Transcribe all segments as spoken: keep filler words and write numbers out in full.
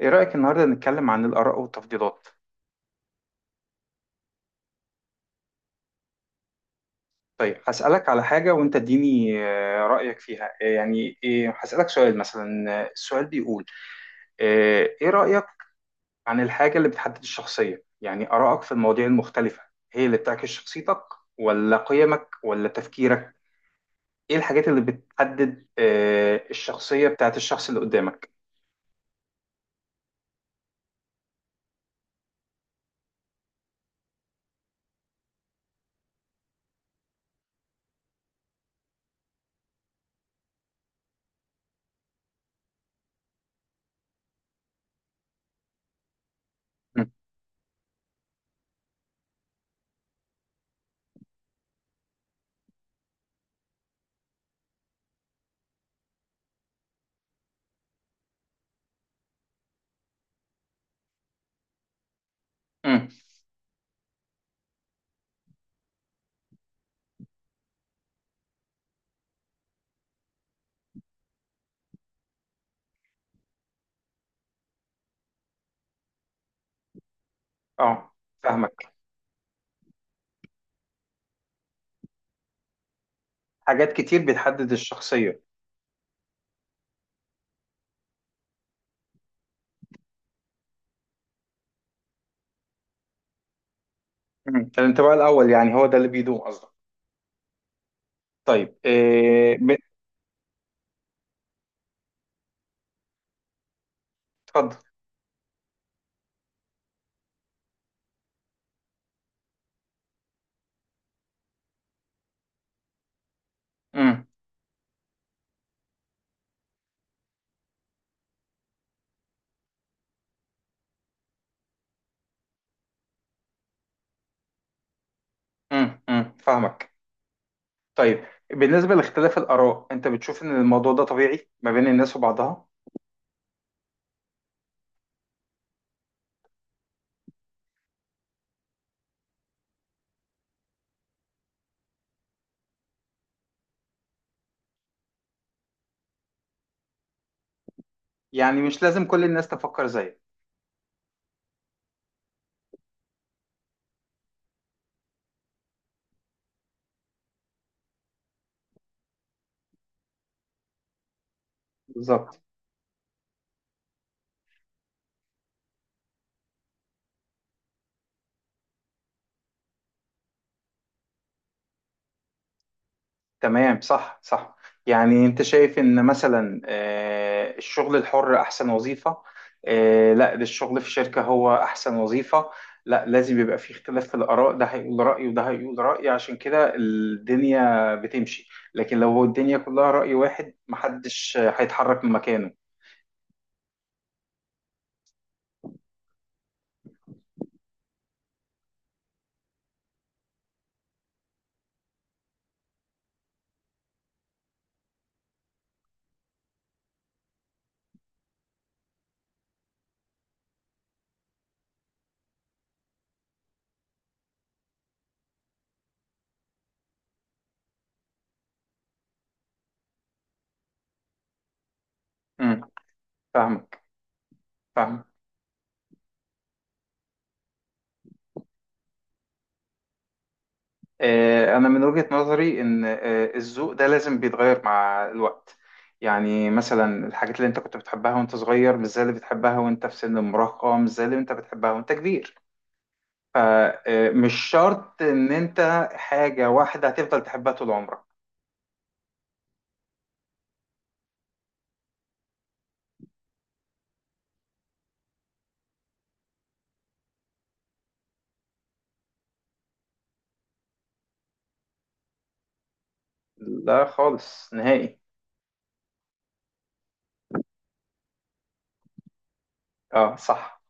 ايه رأيك النهارده نتكلم عن الآراء والتفضيلات؟ طيب، هسألك على حاجة وانت اديني آه، رأيك فيها. آه، يعني إيه، هسألك سؤال مثلا. آه، السؤال بيقول آه، ايه رأيك عن الحاجة اللي بتحدد الشخصية؟ يعني آرائك في المواضيع المختلفة هي اللي بتعكس شخصيتك، ولا قيمك، ولا تفكيرك؟ ايه الحاجات اللي بتحدد آه، الشخصية بتاعت الشخص اللي قدامك؟ مم. مم. اه. فاهمك. حاجات كتير بتحدد الشخصية. مم. الانطباع الأول، يعني هو ده اللي بيدوم قصدك؟ طيب، إيه ب- اتفضل. امم، امم، امم، فاهمك. طيب، بالنسبة لاختلاف الآراء، أنت بتشوف إن الموضوع ده طبيعي ما بين الناس وبعضها؟ يعني مش لازم كل الناس تفكر زيك. بالظبط. تمام. صح، صح. يعني انت شايف ان مثلا آه، الشغل الحر احسن وظيفة. آه، لا، ده الشغل في شركة هو احسن وظيفة. لا، لازم يبقى في اختلاف في الاراء، ده هيقول رأي وده هيقول رأي، عشان كده الدنيا بتمشي. لكن لو الدنيا كلها رأي واحد، محدش آه، هيتحرك من مكانه. امم، فاهمك، فاهمك. آه، أنا من وجهة نظري إن آه، الذوق ده لازم بيتغير مع الوقت. يعني مثلا الحاجات اللي أنت كنت بتحبها وأنت صغير مش زي اللي بتحبها وأنت في سن المراهقة، مش زي اللي أنت بتحبها وأنت كبير. فمش شرط إن أنت حاجة واحدة هتفضل تحبها طول عمرك. لا، خالص، نهائي. أه، صح.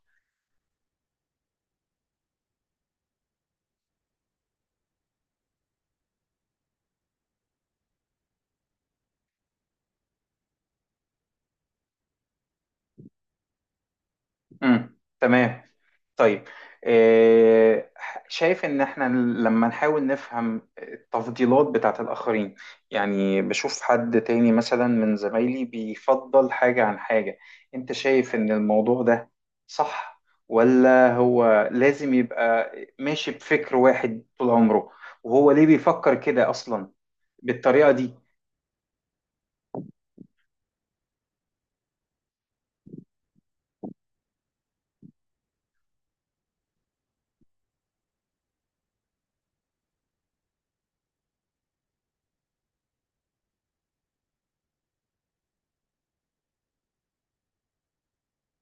مم. تمام. طيب، آه، شايف ان احنا لما نحاول نفهم التفضيلات بتاعت الاخرين، يعني بشوف حد تاني مثلا من زمايلي بيفضل حاجة عن حاجة، انت شايف ان الموضوع ده صح، ولا هو لازم يبقى ماشي بفكر واحد طول عمره؟ وهو ليه بيفكر كده اصلا بالطريقة دي؟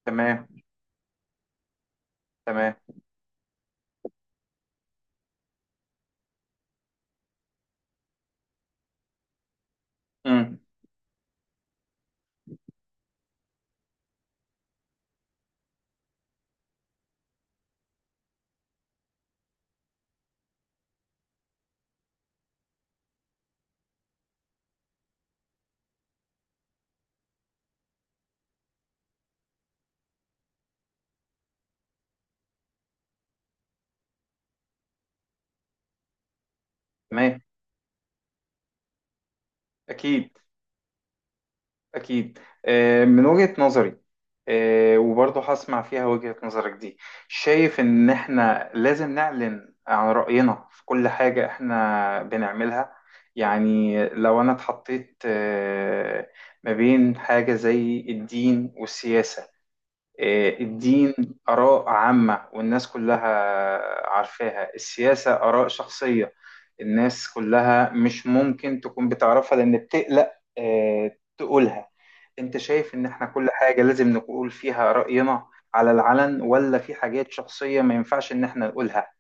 تمام، تمام، امم، تمام. اكيد. أكيد. آه، من وجهة نظري، آه، وبرضه هسمع فيها وجهة نظرك دي، شايف إن إحنا لازم نعلن عن رأينا في كل حاجة إحنا بنعملها؟ يعني لو أنا اتحطيت آه، ما بين حاجة زي الدين والسياسة. آه، الدين آراء عامة والناس كلها عارفاها. السياسة آراء شخصية، الناس كلها مش ممكن تكون بتعرفها، لأن بتقلق آه، تقولها. أنت شايف إن إحنا كل حاجة لازم نقول فيها رأينا على العلن، ولا في حاجات شخصية ما ينفعش إن إحنا نقولها؟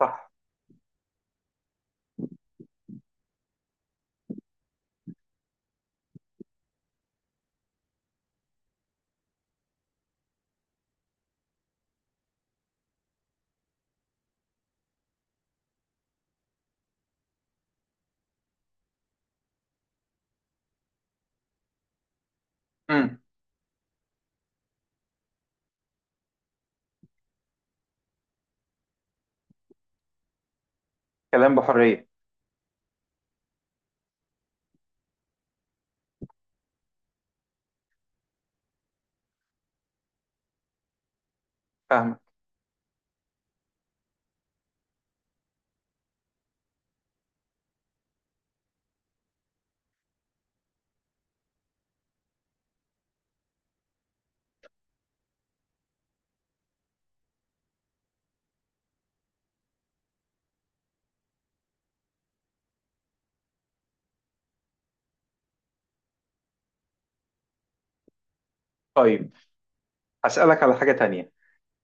صح؟ مم. كلام بحرية. فاهمة. طيب، هسألك على حاجة تانية.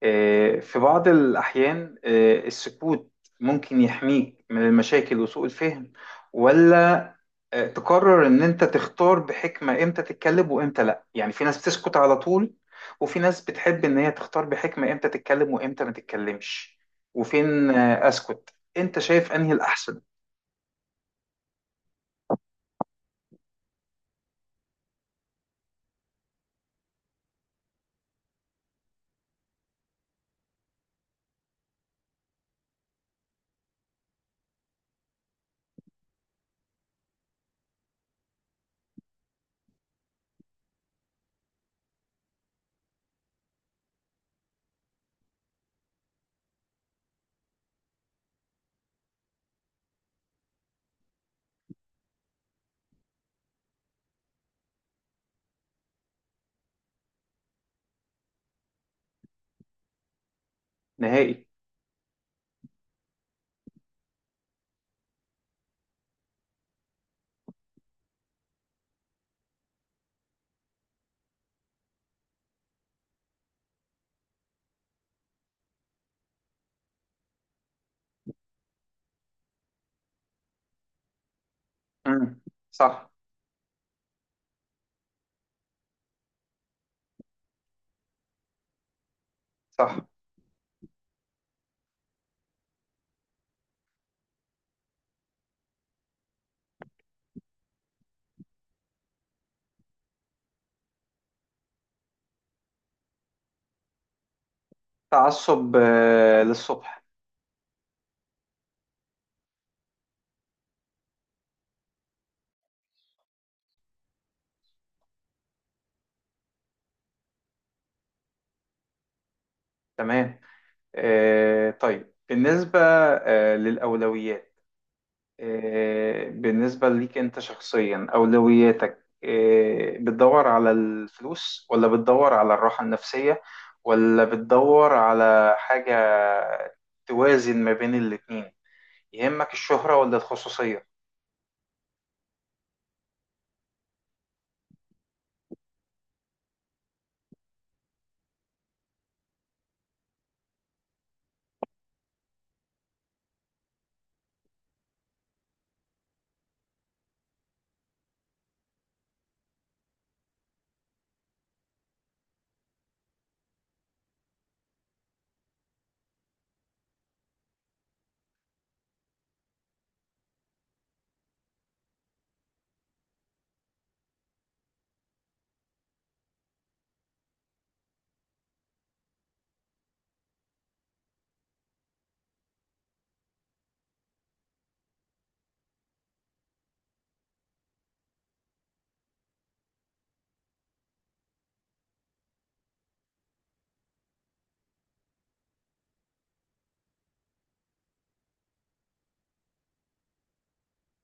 آه، في بعض الأحيان آه، السكوت ممكن يحميك من المشاكل وسوء الفهم، ولا آه، تقرر إن أنت تختار بحكمة إمتى تتكلم وإمتى لأ؟ يعني في ناس بتسكت على طول، وفي ناس بتحب إن هي تختار بحكمة إمتى تتكلم وإمتى ما تتكلمش وفين آه، أسكت. أنت شايف أنهي الأحسن؟ نهائي. مم. صح، صح. تعصب آه، للصبح. تمام. آه، طيب، بالنسبة آه، للأولويات، آه، بالنسبة ليك أنت شخصيا، أولوياتك آه، بتدور على الفلوس، ولا بتدور على الراحة النفسية، ولا بتدور على حاجة توازن ما بين الاتنين؟ يهمك الشهرة ولا الخصوصية؟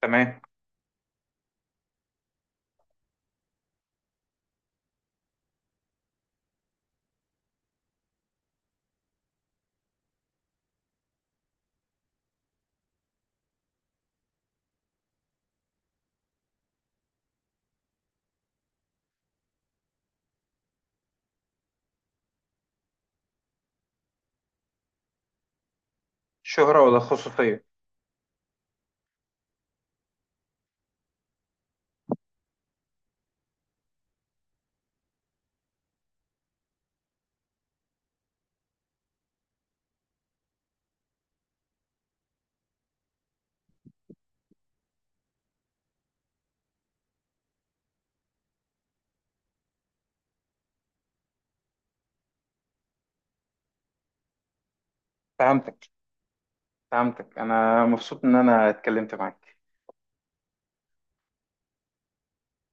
تمام. الشهرة ولا الخصوصية؟ فهمتك. فهمتك، أنا مبسوط إن أنا اتكلمت معاك.